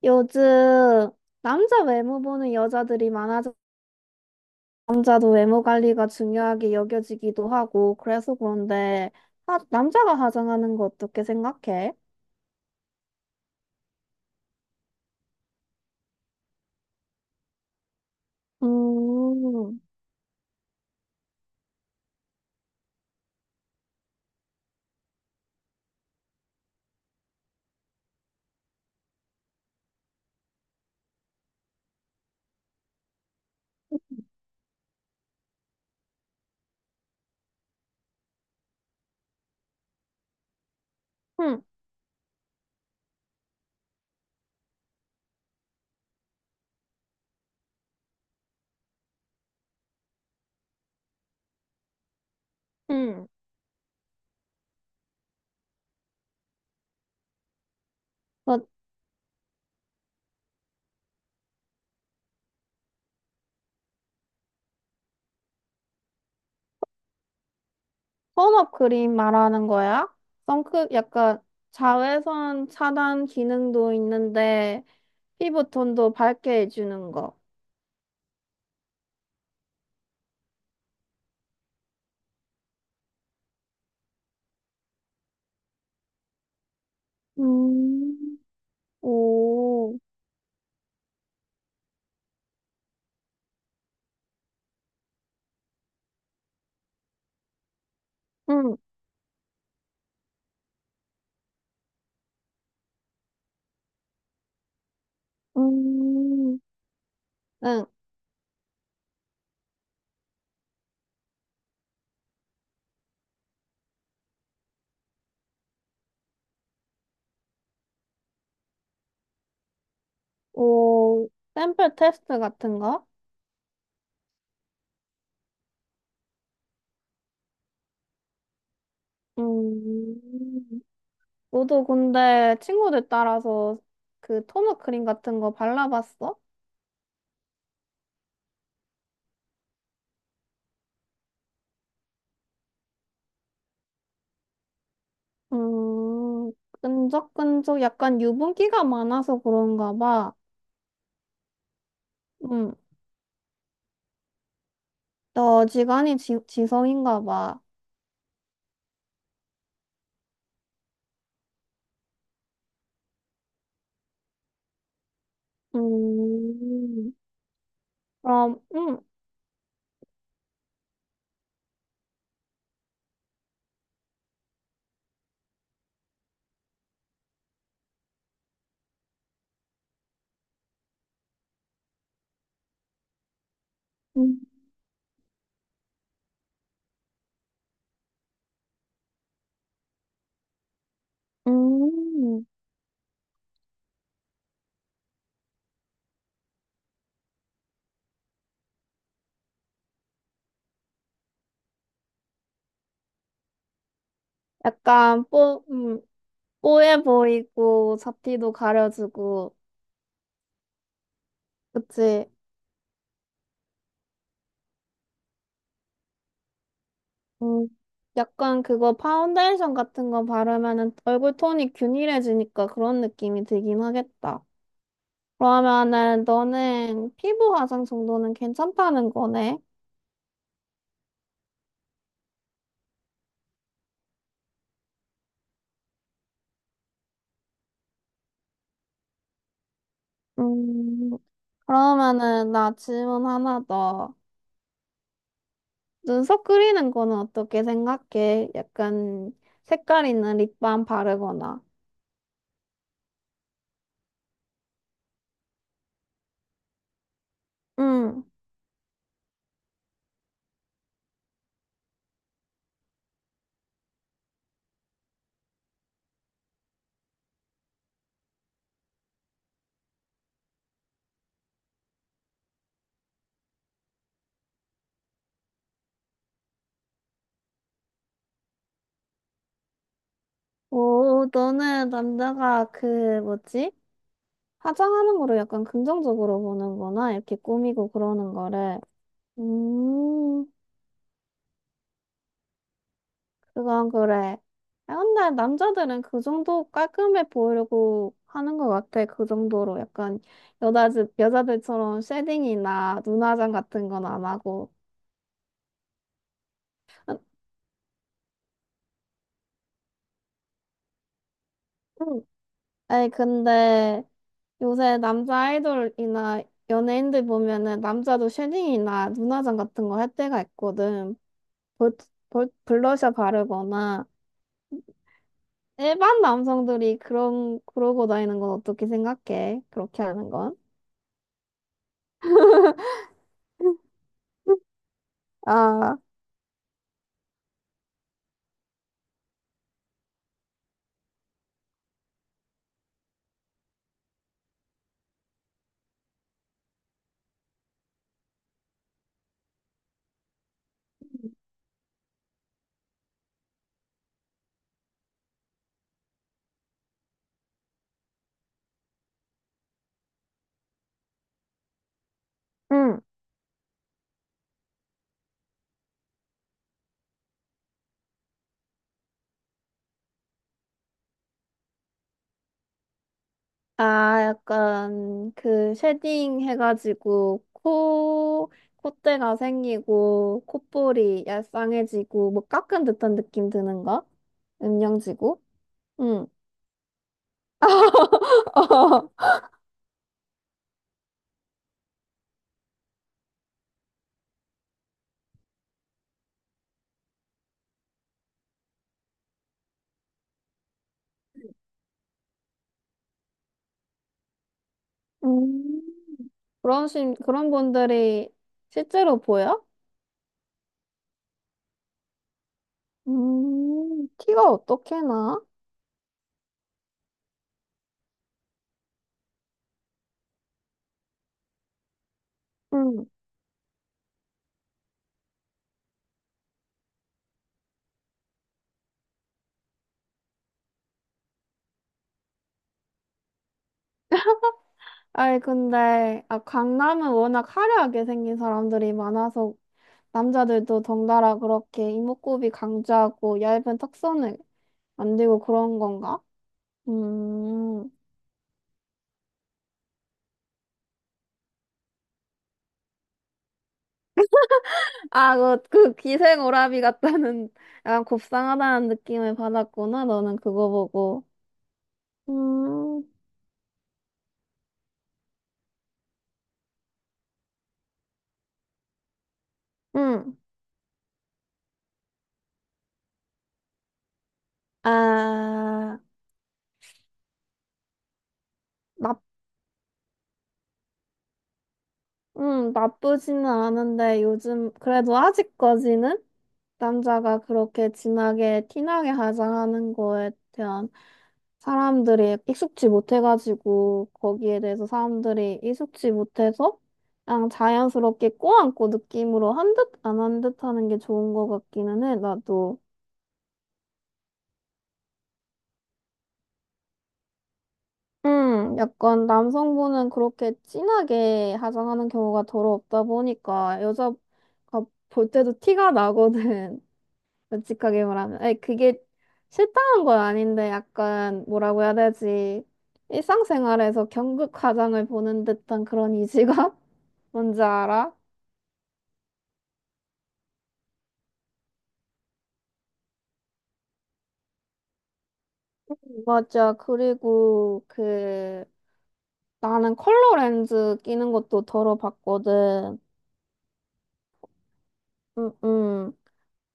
요즘 남자 외모 보는 여자들이 많아져. 남자도 외모 관리가 중요하게 여겨지기도 하고, 그래서 그런데 하, 남자가 화장하는 거 어떻게 생각해? 음, 응, 응. 너 톤업 크림 말하는 거야? 선크 약간 자외선 차단 기능도 있는데 피부톤도 밝게 해주는 거. 음, 오, 응, 음. 응. 오, 샘플 테스트 같은 거? 음, 너도 근데 친구들 따라서 그 토너 크림 같은 거 발라봤어? 음, 끈적끈적 약간 유분기가 많아서 그런가 봐. 음, 너 지성인가 봐. 음, 그럼, 음, 음, 약간 뽀해 보이고, 잡티도 가려주고. 그치? 음, 약간 그거 파운데이션 같은 거 바르면은 얼굴 톤이 균일해지니까 그런 느낌이 들긴 하겠다. 그러면은 너는 피부 화장 정도는 괜찮다는 거네? 음, 그러면은 나 질문 하나 더. 눈썹 그리는 거는 어떻게 생각해? 약간 색깔 있는 립밤 바르거나. 응. 오, 너는 남자가 그 뭐지? 화장하는 거를 약간 긍정적으로 보는구나. 이렇게 꾸미고 그러는 거를. 음, 그건 그래. 아, 근데 남자들은 그 정도 깔끔해 보이려고 하는 것 같아. 그 정도로 약간 여자, 여자들처럼 쉐딩이나 눈화장 같은 건 안 하고. 음, 음. 아니, 근데 요새 남자 아이돌이나 연예인들 보면은 남자도 쉐딩이나 눈화장 같은 거 할 때가 있거든. 볼, 블러셔 바르거나. 일반 남성들이 그러고 다니는 건 어떻게 생각해? 그렇게 하는 건? 아, 응. 아, 약간 그 쉐딩 해가지고 콧대가 생기고 콧볼이 얄쌍해지고 뭐 깎은 듯한 느낌 드는 거? 음영지구? 응. 음. 그런 분들이 실제로 보여? 티가 어떻게 나? 음, 아이, 근데, 아, 강남은 워낙 화려하게 생긴 사람들이 많아서 남자들도 덩달아 그렇게 이목구비 강조하고 얇은 턱선을 만들고 그런 건가? 음. 아, 그 기생오라비 같다는 약간 곱상하다는 느낌을 받았구나. 너는 그거 보고. 음. 음. 아, 나, 나쁘지는 않은데 요즘 그래도 아직까지는 남자가 그렇게 진하게 티나게 화장하는 거에 대한 사람들이 익숙지 못해가지고 거기에 대해서 사람들이 익숙지 못해서 그냥 자연스럽게 꼬안고 느낌으로 한 듯 안 한 듯 하는 게 좋은 것 같기는 해. 나도 약간 남성분은 그렇게 진하게 화장하는 경우가 더러 없다 보니까 여자가 볼 때도 티가 나거든. 솔직하게 말하면. 아니, 그게 싫다는 건 아닌데, 약간, 뭐라고 해야 되지? 일상생활에서 경극 화장을 보는 듯한 그런 이질감? 뭔지 알아? 맞아. 그리고, 나는 컬러 렌즈 끼는 것도 덜어 봤거든. 응, 응.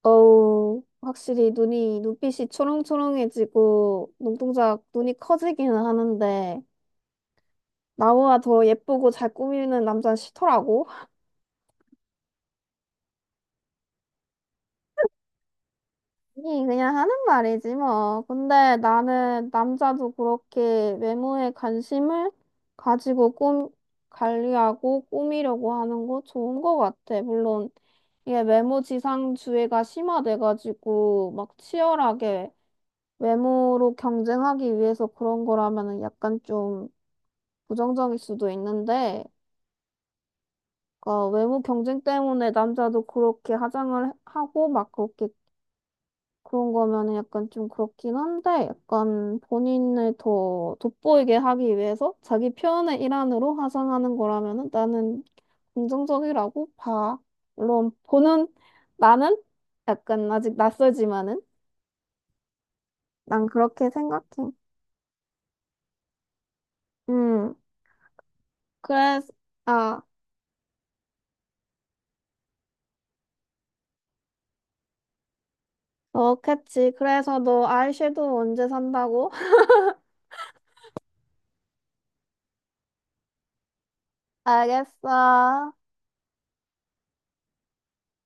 어우, 확실히 눈빛이 초롱초롱해지고, 눈이 커지기는 하는데, 나보다 더 예쁘고 잘 꾸미는 남자는 싫더라고. 이 그냥 하는 말이지 뭐. 근데 나는 남자도 그렇게 외모에 관심을 가지고 꿈 관리하고 꾸미려고 하는 거 좋은 거 같아. 물론 이게 외모 지상주의가 심화돼가지고 막 치열하게 외모로 경쟁하기 위해서 그런 거라면은 약간 좀 부정적일 수도 있는데, 그러니까 외모 경쟁 때문에 남자도 그렇게 화장을 하고 막 그렇게 그런 거면은 약간 좀 그렇긴 한데, 약간 본인을 더 돋보이게 하기 위해서 자기 표현의 일환으로 화장하는 거라면은 나는 긍정적이라고 봐. 물론 보는 나는 약간 아직 낯설지만은 난 그렇게 생각해. 음, 그래서 아, 그렇겠지. 그래서 너 아이섀도우 언제 산다고? 알겠어.